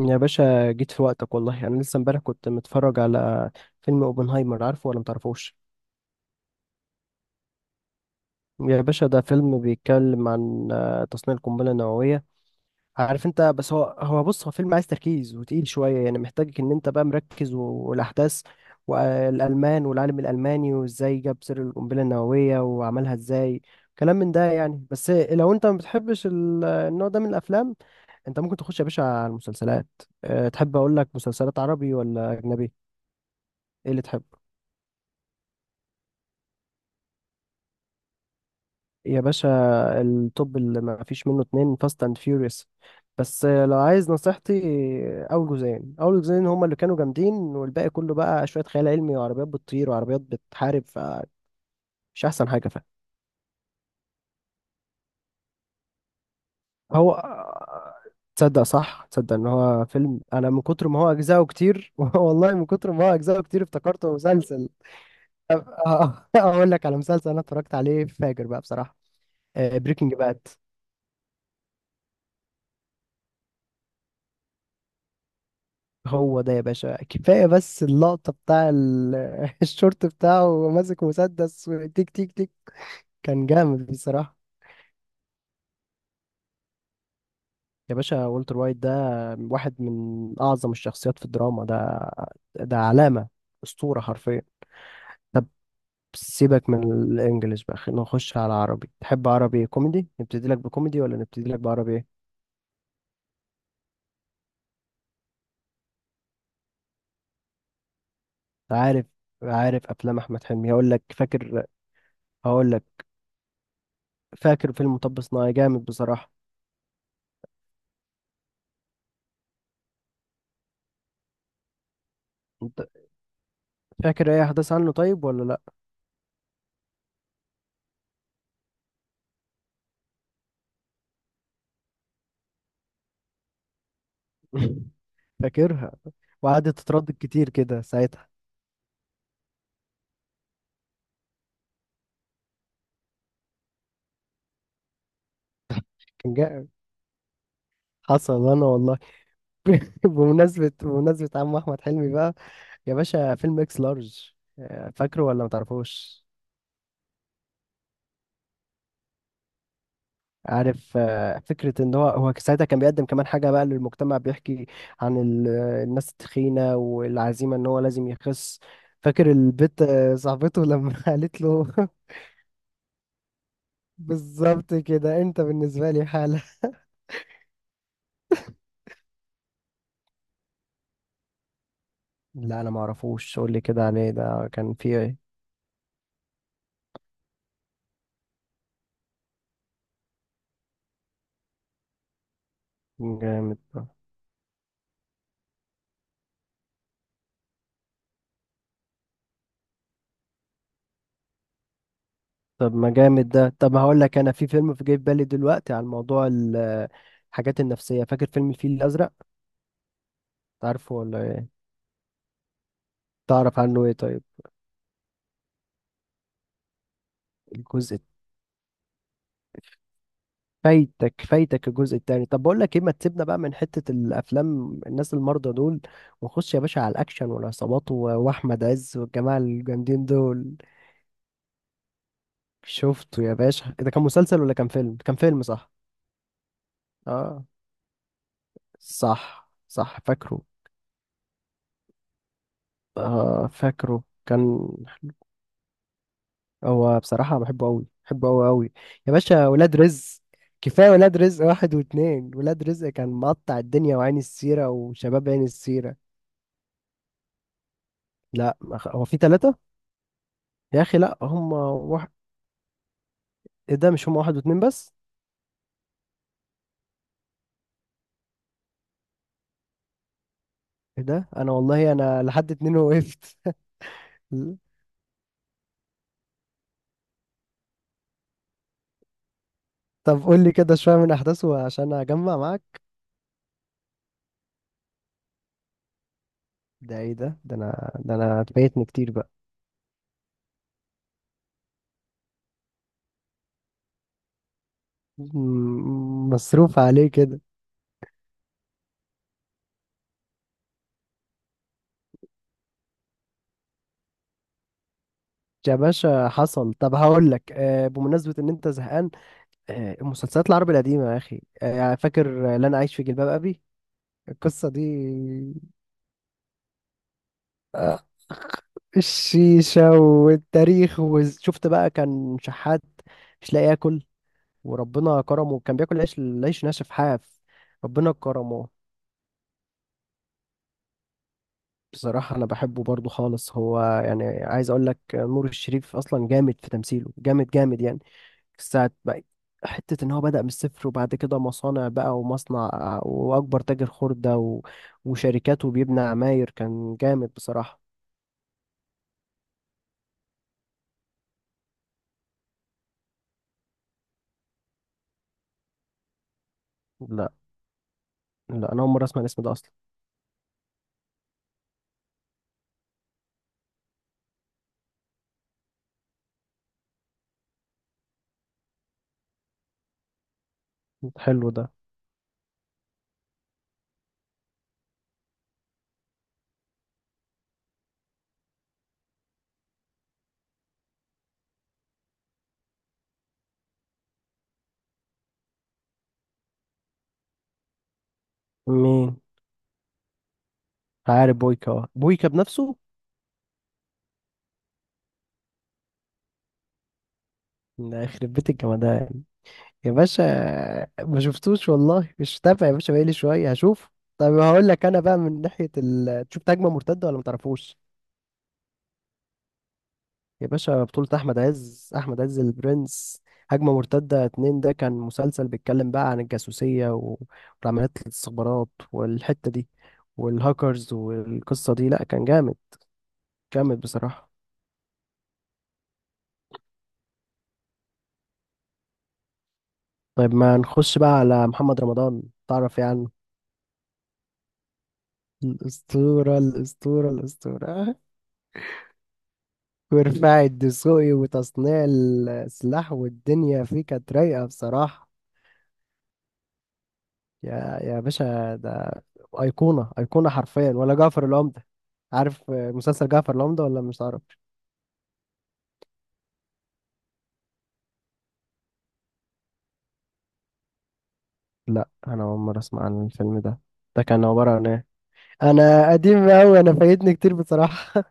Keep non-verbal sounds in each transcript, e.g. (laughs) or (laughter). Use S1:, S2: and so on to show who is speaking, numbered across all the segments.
S1: يا باشا، جيت في وقتك. والله انا لسه امبارح كنت متفرج على فيلم اوبنهايمر. عارفه ولا متعرفوش؟ يا باشا، ده فيلم بيتكلم عن تصنيع القنبله النوويه. عارف انت، بس هو بص هو فيلم عايز تركيز وتقيل شويه يعني، محتاجك ان انت بقى مركز والاحداث والالمان والعالم الالماني وازاي جاب سر القنبله النوويه وعملها ازاي. كلام من ده يعني، بس لو انت ما بتحبش النوع ده من الافلام، انت ممكن تخش يا باشا على المسلسلات. أه، تحب اقول لك مسلسلات عربي ولا اجنبي؟ ايه اللي تحب يا باشا؟ التوب اللي ما فيش منه اتنين، فاست اند فيوريوس. بس لو عايز نصيحتي، اول جزئين هما اللي كانوا جامدين، والباقي كله بقى شوية خيال علمي، وعربيات بتطير وعربيات بتحارب، فمش احسن حاجة. فاهم؟ هو. تصدق صح تصدق ان هو فيلم، انا من كتر ما هو اجزاءه كتير (laughs) والله من كتر ما هو اجزاءه كتير افتكرته مسلسل. أب- (laughs) اقول لك على مسلسل انا اتفرجت عليه فاجر بقى بصراحة. بريكنج باد. هو ده يا باشا، كفاية بس اللقطة بتاع (laughs) الشورت بتاعه وهو ماسك مسدس، تيك تيك تيك. كان جامد بصراحة. يا باشا، والتر وايت ده واحد من أعظم الشخصيات في الدراما. ده ده علامة، أسطورة حرفيا. طب، سيبك من الإنجليش بقى، خلينا نخش على عربي. تحب عربي كوميدي؟ نبتدي لك بكوميدي ولا نبتدي لك بعربي إيه؟ عارف عارف أفلام أحمد حلمي، هقول لك فاكر فيلم مطب صناعي. جامد بصراحة. أنت فاكر أي أحداث عنه طيب ولا؟ (laughs) فاكرها. وقعدت تتردد كتير كده ساعتها. كان جا، حصل انا والله. (laughs) بمناسبة عم احمد حلمي بقى، يا باشا، فيلم اكس لارج. فاكره ولا ما تعرفوش؟ عارف فكرة ان هو ساعتها كان بيقدم كمان حاجة بقى للمجتمع، بيحكي عن الناس التخينة والعزيمة ان هو لازم يخس. فاكر البت صاحبته لما (laughs) قالت له (laughs) بالظبط كده، انت بالنسبة لي حالة. لا انا ما اعرفوش، قول لي كده عليه، ده كان فيه إيه؟ جامد ده. طب ما جامد ده. طب هقول لك انا في فيلم في جاي في بالي دلوقتي عن موضوع الحاجات النفسية. فاكر فيلم الفيل الأزرق؟ تعرفه ولا ايه؟ تعرف عنه ايه طيب؟ الجزء فايتك الجزء التاني. طب بقول لك ايه، ما تسيبنا بقى من حتة الافلام الناس المرضى دول، ونخش يا باشا على الاكشن والعصابات واحمد عز والجماعة الجامدين دول. شفته يا باشا. إيه ده، كان مسلسل ولا كان فيلم؟ كان فيلم، صح. اه، صح صح، فاكره. اه، فاكره كان. هو بصراحة بحبه أوي بحبه أوي أوي. يا باشا، ولاد رزق. كفاية ولاد رزق واحد واتنين. ولاد رزق كان مقطع الدنيا، وعين السيرة وشباب عين السيرة. لا، ما خ- هو في تلاتة؟ يا أخي لا، هم واحد. إيه ده؟ مش هم واحد واتنين بس؟ إيه ده؟ أنا والله أنا لحد اتنين وقفت. (laughs) طب قول لي كده شوية من أحداثه عشان أجمع معاك. ده إيه ده؟ ده أنا فايتني كتير بقى. مصروف عليه كده؟ يا باشا حصل. طب هقول لك، بمناسبة إن أنت زهقان، المسلسلات العربي القديمة يا أخي، يعني فاكر لن أعيش في جلباب أبي؟ القصة دي، آه، الشيشة والتاريخ. وشفت بقى كان شحات مش لاقي ياكل، وربنا كرمه، كان بياكل عيش، العيش ناشف حاف. ربنا كرمه. بصراحة أنا بحبه برضو خالص. هو يعني عايز أقول لك، نور الشريف أصلا جامد في تمثيله، جامد جامد يعني ساعة بقى. حتة إن هو بدأ من الصفر، وبعد كده مصانع بقى ومصنع وأكبر تاجر خردة وشركات وبيبنى عماير، كان جامد بصراحة. لا لا، أنا أول مرة أسمع الاسم ده أصلا. حلو ده. مين؟ عارف بويكا؟ أه. بويكا بنفسه؟ ده يخرب بيت الجمدان. يا باشا ما شفتوش والله، مش تابع يا باشا بقالي شوية، هشوف. طب هقول لك أنا بقى من ناحية تشوف هجمة مرتدة ولا ما تعرفوش؟ يا باشا بطولة أحمد عز، أحمد عز البرنس. هجمة مرتدة اتنين، ده كان مسلسل بيتكلم بقى عن الجاسوسية والعمليات الاستخبارات والحتة دي، والهاكرز والقصة دي. لأ كان جامد، جامد بصراحة. طيب ما نخش بقى على محمد رمضان، تعرف يعني عنه؟ الأسطورة، الأسطورة، الأسطورة. (laughs) ورفاع الدسوقي وتصنيع السلاح، والدنيا فيه كانت رايقة بصراحة. يا باشا، ده ايقونه، ايقونه حرفيا. ولا جعفر العمده؟ عارف مسلسل جعفر العمده ولا مش عارف؟ لا، انا اول مره اسمع عن الفيلم ده. ده كان عباره عن ايه؟ انا قديم قوي، انا فايتني كتير بصراحه.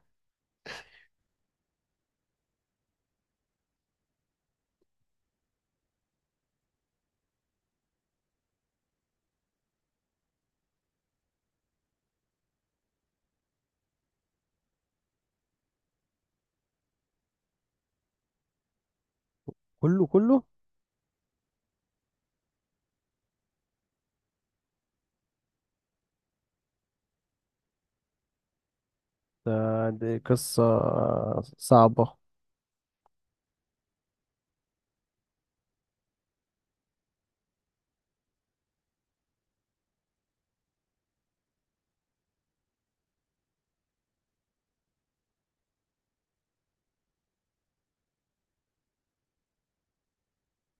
S1: (laughs) كله كله. دي قصه صعبه.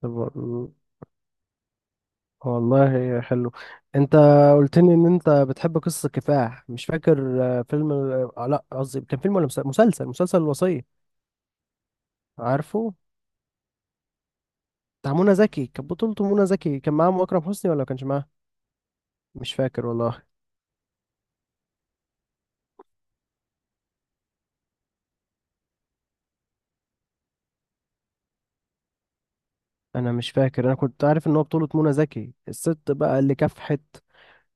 S1: طب- والله حلو. انت قلت لي ان انت بتحب قصه كفاح. مش فاكر فيلم، لا قصدي، كان فيلم ولا مسلسل الوصيه. عارفه؟ بتاع منى زكي، كانت بطولته منى زكي. كان معاهم اكرم حسني ولا ما كانش معاهم؟ مش فاكر والله، انا مش فاكر. انا كنت عارف ان هو بطولة منى زكي، الست بقى اللي كافحت،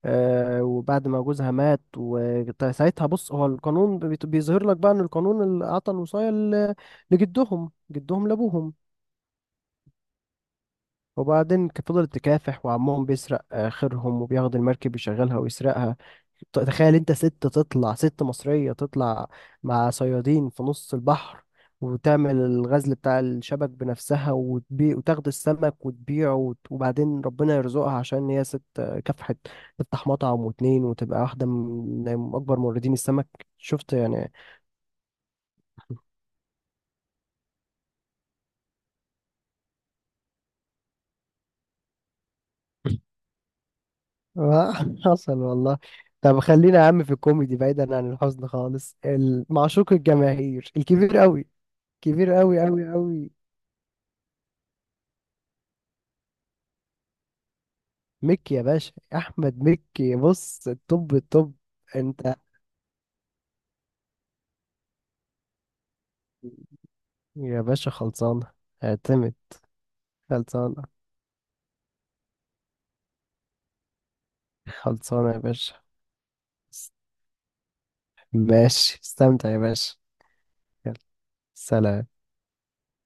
S1: آه، وبعد ما جوزها مات، وساعتها بص هو القانون بيظهر لك بقى ان القانون اللي اعطى الوصاية لجدهم لابوهم. وبعدين فضلت تكافح، وعمهم بيسرق آخرهم، وبياخد المركب يشغلها ويسرقها. تخيل انت، ست تطلع، ست مصرية تطلع مع صيادين في نص البحر، وتعمل الغزل بتاع الشبك بنفسها وتبيع، وتاخد السمك وتبيعه، وبعدين ربنا يرزقها عشان هي ست كافحت، تفتح مطعم واتنين وتبقى واحدة من أكبر موردين السمك. شفت يعني؟ آه، (laughs) حصل والله. طب خلينا يا عم في الكوميدي، بعيدا عن الحزن خالص. معشوق الجماهير الكبير قوي، كبير قوي قوي قوي، مكي يا باشا، احمد مكي، بص، الطب الطب. انت يا باشا خلصانه، اعتمد. خلصانه. خلصانه يا باشا. ماشي، استمتع يا باشا. يلا، سلام.